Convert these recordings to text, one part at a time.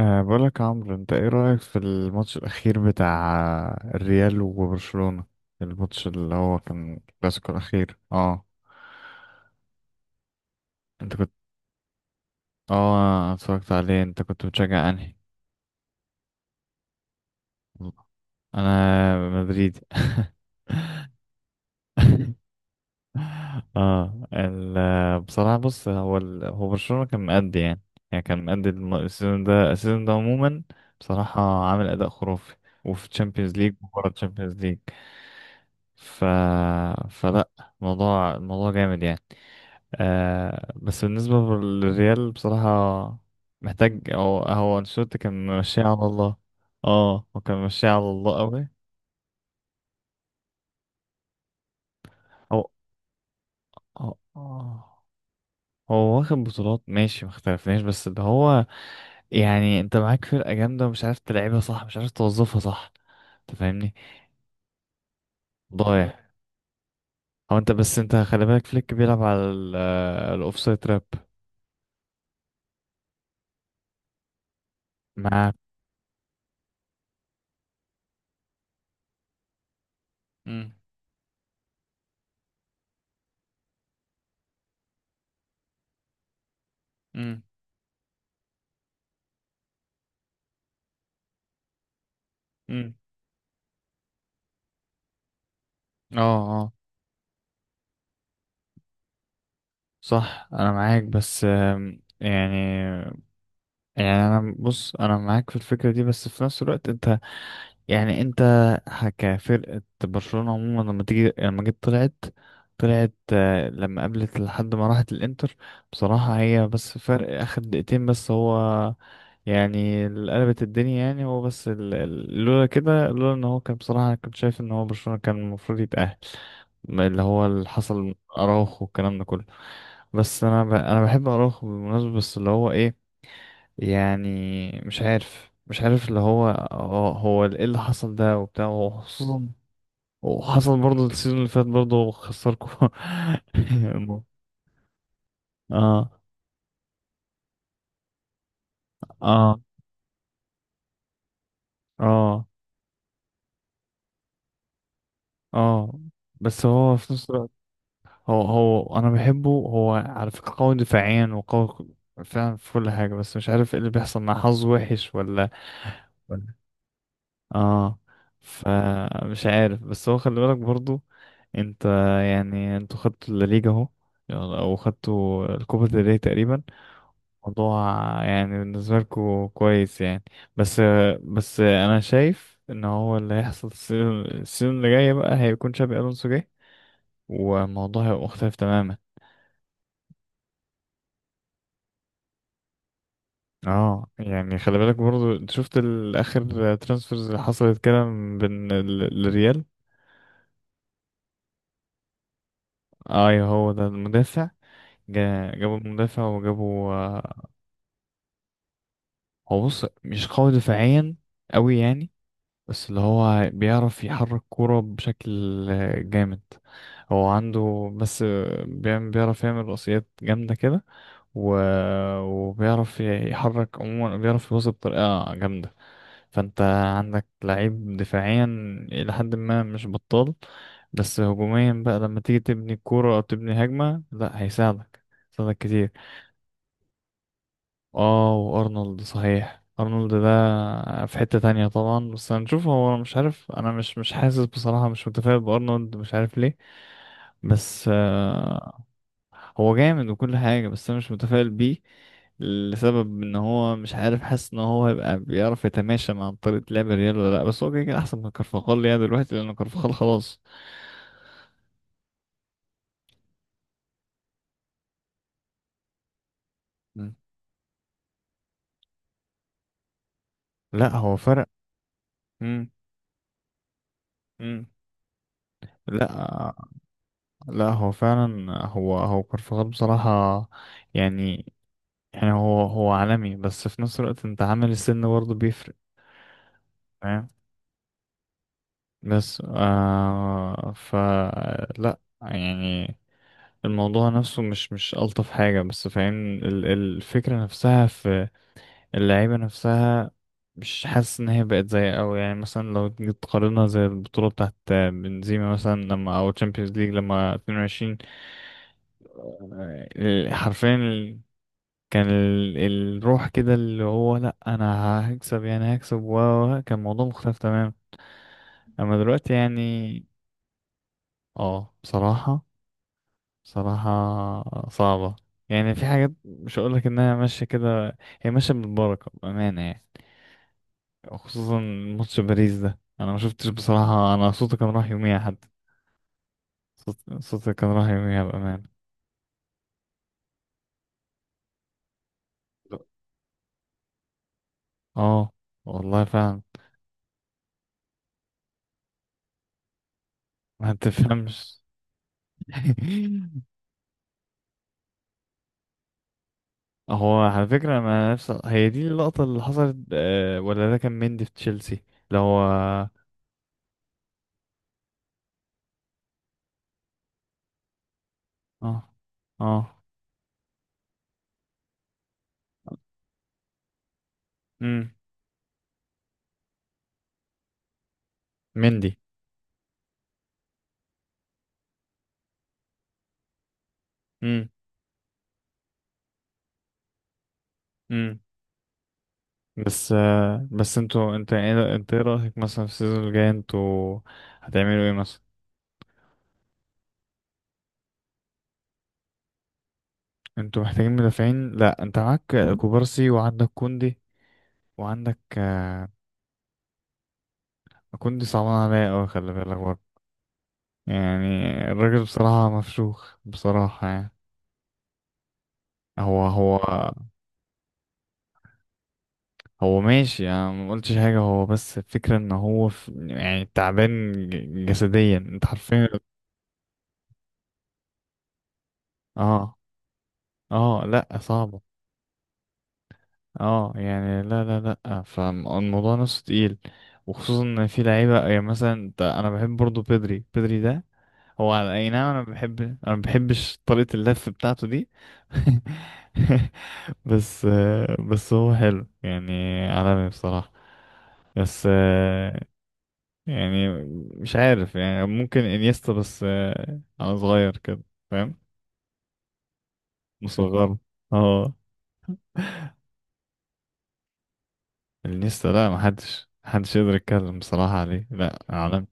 بقولك يا عمرو، انت ايه رأيك في الماتش الأخير بتاع الريال وبرشلونة؟ الماتش اللي هو كان الكلاسيكو الأخير انت كنت اه أنا اتفرجت عليه. انت كنت بتشجع انهي؟ انا مدريدي. اه ال بصراحة، بص، هو برشلونة كان مأدي، يعني. يعني كان مأدي، السيزون ده عموما. بصراحة عامل أداء خرافي، وفي تشامبيونز ليج وبره تشامبيونز ليج. ف... فلا، الموضوع جامد، يعني. بس بالنسبة للريال، بصراحة، محتاج. هو أنشيلوتي كان ماشي على الله. اه هو كان ماشي على الله قوي. هو هو آه، هو واخد بطولات، ماشي، ما اختلفناش. بس اللي هو، يعني، انت معاك فرقة جامدة ومش عارف تلعبها صح، مش عارف توظفها صح. انت فاهمني؟ ضايع. هو، انت خلي بالك، فليك بيلعب على الاوفسايد تراب. مع امم امم امم اه صح، انا معاك. بس يعني، يعني انا معاك في الفكرة دي، بس في نفس الوقت انت، يعني انت، كفرقة برشلونة عموما، لما جيت طلعت، لما قابلت لحد ما راحت الانتر. بصراحة هي بس فرق اخر دقيقتين، بس هو يعني اللي قلبت الدنيا، يعني هو بس، لولا كده، لولا ان هو كان، بصراحة انا كنت شايف ان هو برشلونة كان المفروض يتأهل. ما اللي هو اللي حصل اراوخو والكلام ده كله. بس انا بحب اراوخو بالمناسبة، بس اللي هو ايه، يعني، مش عارف اللي هو ايه اللي حصل ده وبتاع، وخصوصا وحصل برضه السيزون اللي فات برضه خسركم. اه. اه. اه. اه. بس هو في نفس الوقت، هو انا بحبه. هو على فكرة قوي دفاعيا وقوي فعلا في كل حاجة، بس مش عارف ايه اللي بيحصل، مع حظ وحش ولا اه فمش عارف. بس هو خلي بالك برضو انت، يعني انتوا خدتوا الليجا اهو، يلا، او خدتوا الكوبا del ري تقريبا، موضوع. يعني بالنسبه لكم كويس يعني. بس بس انا شايف ان هو اللي هيحصل، السيزون اللي جاي بقى هيكون شابي الونسو جاي، والموضوع هيبقى مختلف تماما. اه، يعني خلي بالك برضو، انت شفت الاخر ترانسفيرز اللي حصلت كده بين الريال. ايوه، هو ده المدافع. جابوا مدافع، وجابوا. هو، بص، مش قوي دفاعيا قوي يعني، بس اللي هو بيعرف يحرك كورة بشكل جامد. هو عنده، بس بيعرف يعمل رأسيات جامدة كده. و... وبيعرف يحرك، عموما بيعرف يوصل بطريقة جامدة. فانت عندك لعيب دفاعيا إلى حد ما، مش بطال. بس هجوميا بقى، لما تيجي تبني كورة أو تبني هجمة، لأ، هيساعدك كتير. اه، وارنولد، صحيح، ارنولد ده في حتة تانية طبعا، بس هنشوف. هو انا مش عارف، انا مش حاسس بصراحة، مش متفائل بارنولد، مش عارف ليه. بس هو جامد وكل حاجة، بس انا مش متفائل بيه، لسبب ان هو مش عارف، حاسس ان هو هيبقى بيعرف يتماشى مع طريقة لعب الريال ولا لا. بس هو كده كده احسن من كارفاخال يعني دلوقتي، لان كارفاخال خلاص. مم. لا هو فرق. مم. مم. لا، لا، هو فعلا، هو كارفاخال بصراحة، يعني يعني هو عالمي، بس في نفس الوقت انت، عامل السن برضه بيفرق، فاهم؟ بس فلا، يعني الموضوع نفسه مش ألطف حاجة، بس فاهم الفكرة نفسها في اللعيبة نفسها. مش حاسس إن هي بقت زي أوي، يعني، مثلا لو تيجي تقارنها زي البطولة بتاعت بنزيما مثلا، لما أو تشامبيونز ليج لما 22، حرفيا. كان الروح كده، اللي هو، لا، انا هكسب، و كان الموضوع مختلف تمام. اما دلوقتي يعني، اه بصراحة. بصراحة صعبة. يعني في حاجات مش هقولك انها ماشية كده، هي ماشية بالبركة، بأمانة يعني. خصوصا ماتش باريس ده، انا ما شفتش بصراحة، انا صوتي كان راح يوميها، حد، صوتي كان راح يوميها بأمانة. اه، والله فعلا، ما تفهمش. هو على فكرة، أنا نفس هي دي اللقطة اللي حصلت، ولا ده كان مندي في تشيلسي؟ اللي هو، اه، اه، امم، مندي. امم. امم. بس بس انتوا، انت ايه، رأيك مثلا في السيزون الجاي؟ انتوا هتعملوا ايه مثلا؟ انتوا محتاجين مدافعين؟ لا، انت معاك كوبارسي وعندك كوندي وعندك. كوندي صعبان عليا اوي، خلي بالك برضه يعني. الراجل بصراحة مفشوخ، بصراحة يعني. هو هو هو، ماشي، انا ما قلتش حاجه. هو بس الفكره ان هو في، يعني، تعبان جسديا، انت حرفيا. اه. اه، لا صعبه. اه، يعني، لا، لا، لا، فالموضوع نفسه تقيل. وخصوصا ان في لعيبه، يعني مثلا انا بحب برضو بيدري ده. هو على اي، نعم، انا ما بحبش طريقه اللف بتاعته دي. بس بس هو حلو يعني، عالمي بصراحه. بس يعني مش عارف، يعني ممكن انيستا، بس انا صغير كده، فاهم، مصغر. اه، انيستا؟ لا، محدش يقدر يتكلم بصراحة عليه، لا عالمي.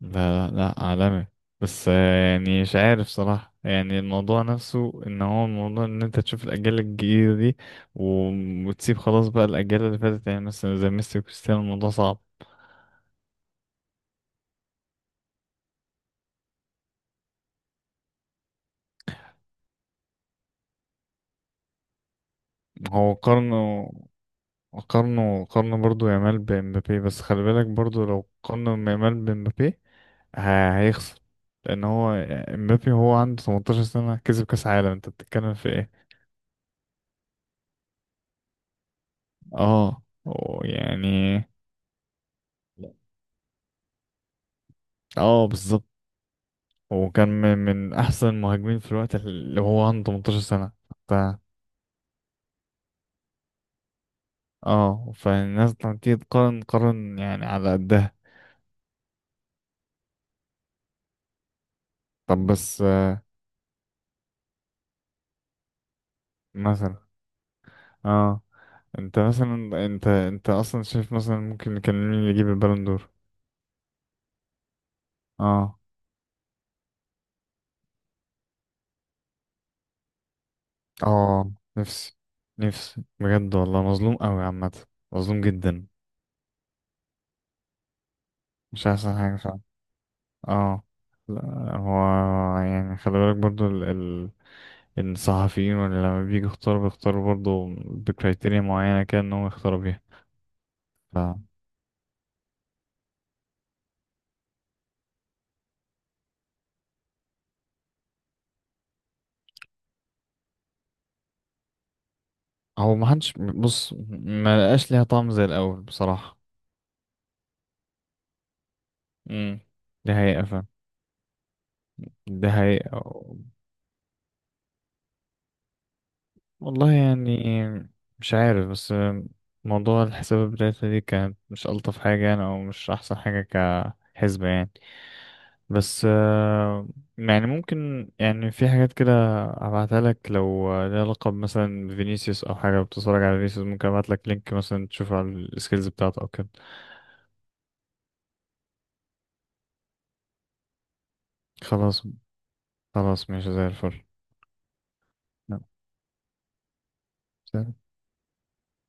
لا، لا، لا، عالمي. بس يعني مش عارف صراحة، يعني الموضوع نفسه ان هو، الموضوع ان انت تشوف الاجيال الجديدة دي، وتسيب خلاص بقى الاجيال اللي فاتت، يعني مثلا زي ميسي وكريستيانو، الموضوع صعب. هو قارنه قارنوا برضو يامال بمبابي بس خلي بالك برضو، لو قارنوا يامال بمبابي هيخسر، لان هو مبابي، هو عنده 18 سنة كسب كاس عالم، انت بتتكلم في ايه؟ اه، هو يعني، اه، بالظبط. وكان من احسن المهاجمين في الوقت اللي هو عنده 18 سنة. ف اه فالناس لما تيجي تقارن، قارن يعني على قدها. طب بس مثلا، اه انت مثلا، انت اصلا شايف مثلا ممكن كان مين اللي يجيب البالون دور؟ اه. اه، نفسي، نفسي بجد، والله مظلوم قوي عامة، مظلوم جدا. مش احسن حاجة فعلا. اه، لا، هو يعني، خلي بالك برضو ال ال الصحفيين ولا، لما بيجي يختاروا، برضو بكريتيريا معينة كده ان هو يختاروا بيها. ف هو ما حدش بص، ما لقاش ليها طعم زي الأول بصراحة. امم، دي حقيقة فعلا، دي حقيقة. والله يعني، مش عارف، بس موضوع الحساب بتاعتها دي كانت مش ألطف حاجة يعني، أو مش أحسن حاجة كحسبة يعني. بس يعني ممكن يعني، في حاجات كده أبعتها لك لو ليها علاقة، مثلا فينيسيوس أو حاجة، بتتفرج على فينيسيوس ممكن أبعت لك لينك مثلا تشوف على السكيلز بتاعته أو كده. خلاص. خلاص، ماشي زي الفل. نعم.